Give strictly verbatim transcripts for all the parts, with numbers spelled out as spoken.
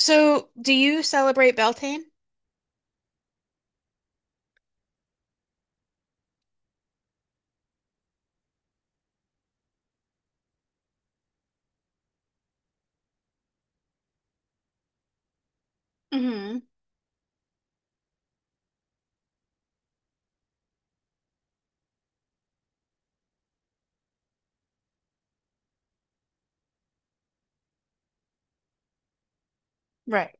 So, do you celebrate Beltane? Hmm. Right.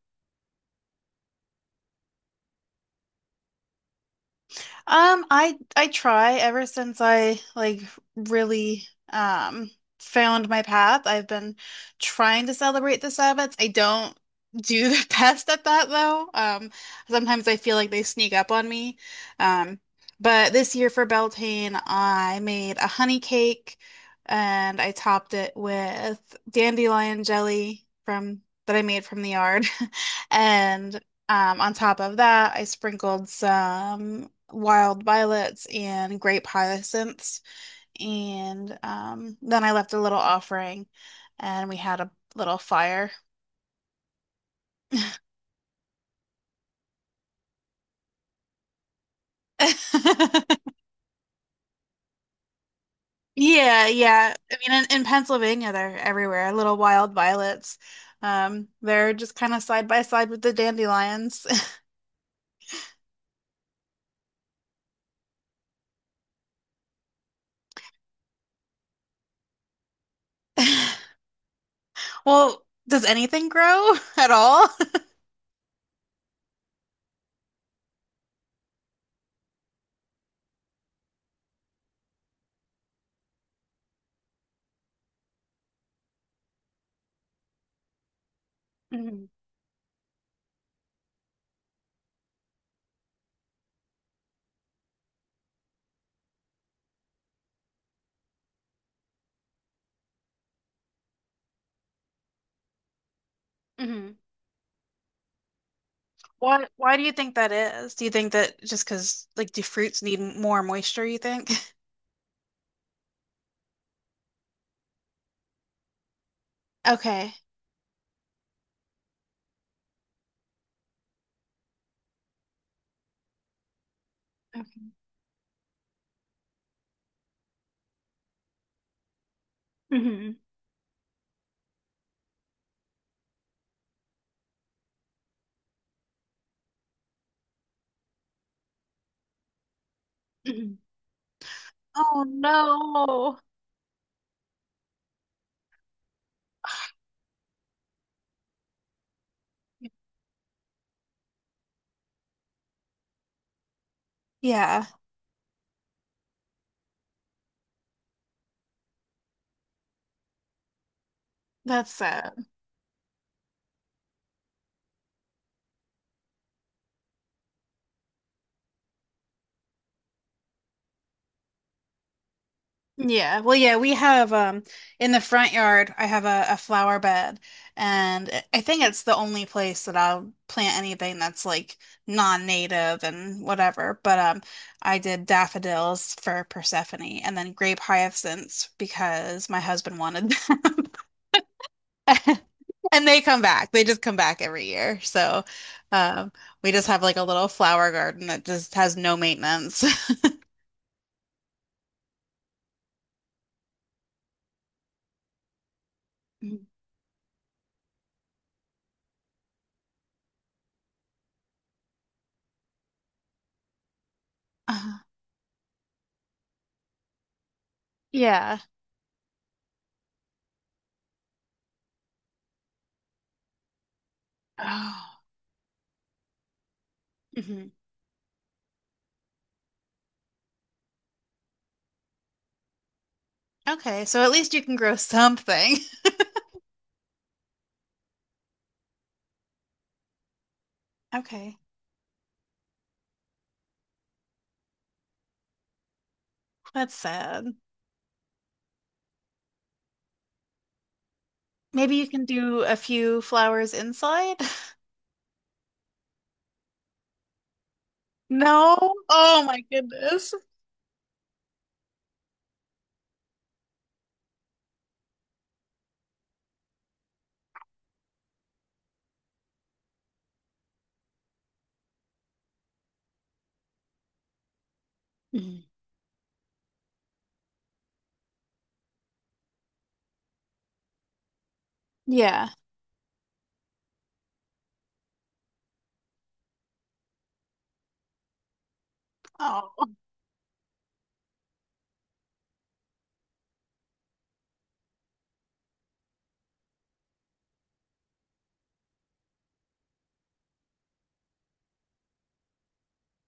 Um, I I try ever since I like really um found my path. I've been trying to celebrate the Sabbats. I don't do the best at that though. Um, sometimes I feel like they sneak up on me. Um, but this year for Beltane, I made a honey cake and I topped it with dandelion jelly from that I made from the yard. And Um, on top of that, I sprinkled some wild violets and grape hyacinths, and um, then I left a little offering, and we had a little fire. Yeah, yeah. I mean, in, in Pennsylvania, they're everywhere. Little wild violets. Um, they're just kind of side by side with the dandelions. Well, does anything grow at all? Mhm, mhm. Why why do you think that is? Do you think that just because, like, do fruits need m- more moisture, you think? Okay. Okay. Hmm. Hmm. Oh no. Yeah, that's sad. Yeah. Well, yeah, we have um in the front yard, I have a, a flower bed and I I think it's the only place that I'll plant anything that's like non-native and whatever. But um I did daffodils for Persephone and then grape hyacinths because my husband wanted them. And they come back. They just come back every year. So, um, we just have like a little flower garden that just has no maintenance. Uh, yeah. Oh. Hmm. Okay. So at least you can grow something. Okay. That's sad. Maybe you can do a few flowers inside. No. Oh my goodness. Mhm. Yeah. Oh,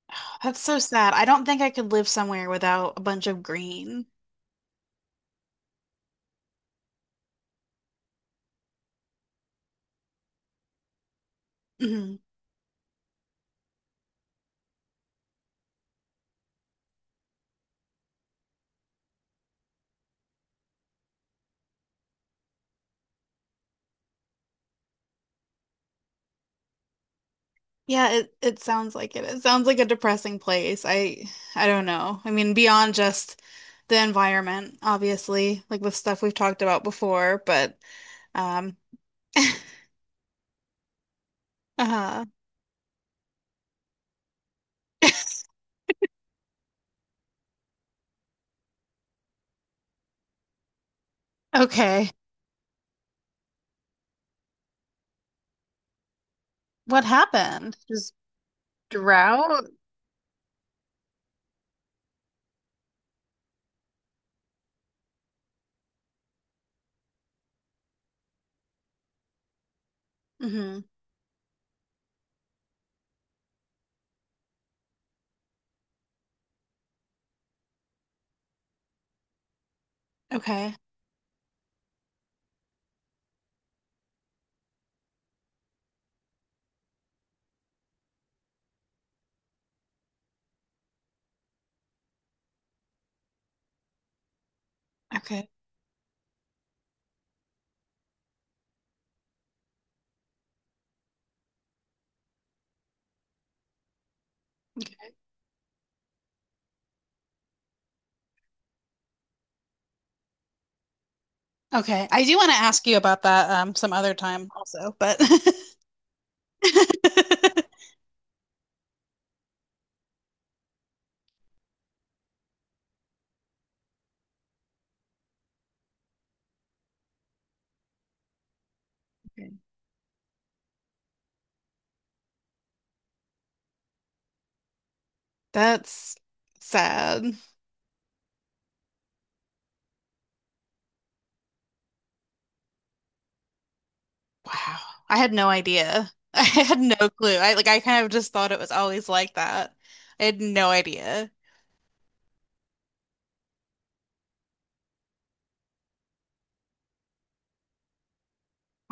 that's so sad. I don't think I could live somewhere without a bunch of green. Mhm. Yeah, it it sounds like it. It sounds like a depressing place. I I don't know. I mean, beyond just the environment, obviously, like with stuff we've talked about before, but um uh okay. What happened? Just drought? Hmm. Okay. Okay. Okay. Okay. I do want to ask you about that um some other time also, but okay. That's sad. Wow. I had no idea. I had no clue. I like I kind of just thought it was always like that. I had no idea.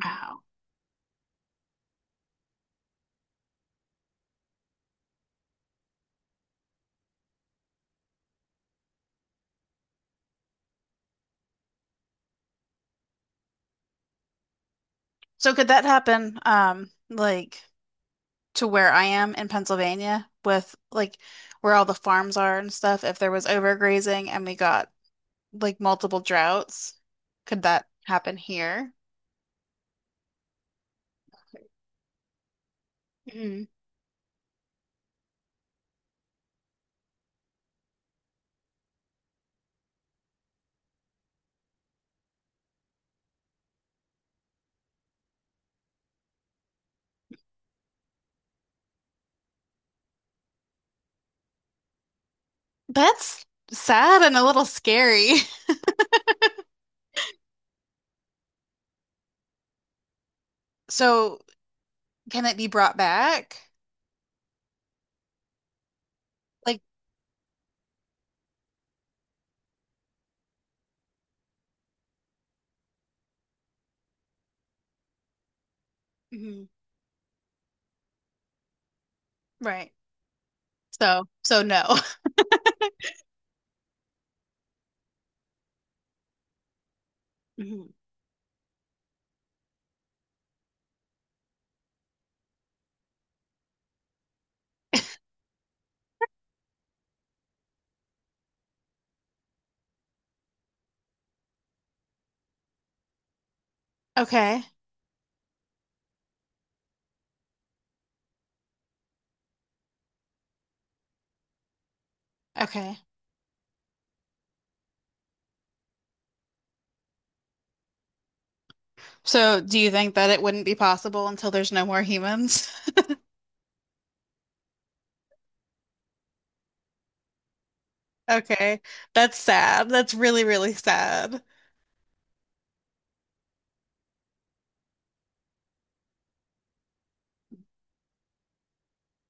Wow. So could that happen, um, like to where I am in Pennsylvania with like where all the farms are and stuff, if there was overgrazing and we got like multiple droughts, could that happen here? Mhm. That's sad and a little scary. So can it be brought back? Like, mhm, right. So, so no. Mhm. Okay. Okay. So do you think that it wouldn't be possible until there's no more humans? Okay. That's sad. That's really, really sad.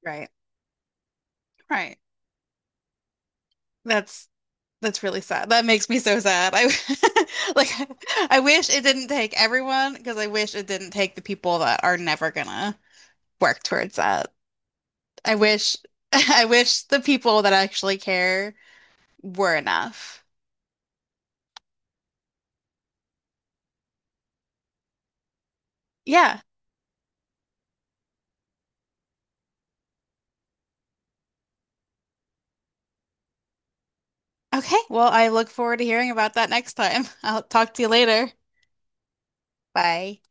Right. Right. That's that's really sad. That makes me so sad. I like I wish it didn't take everyone because I wish it didn't take the people that are never gonna work towards that. I wish I wish the people that actually care were enough. Yeah. Okay, well, I look forward to hearing about that next time. I'll talk to you later. Bye.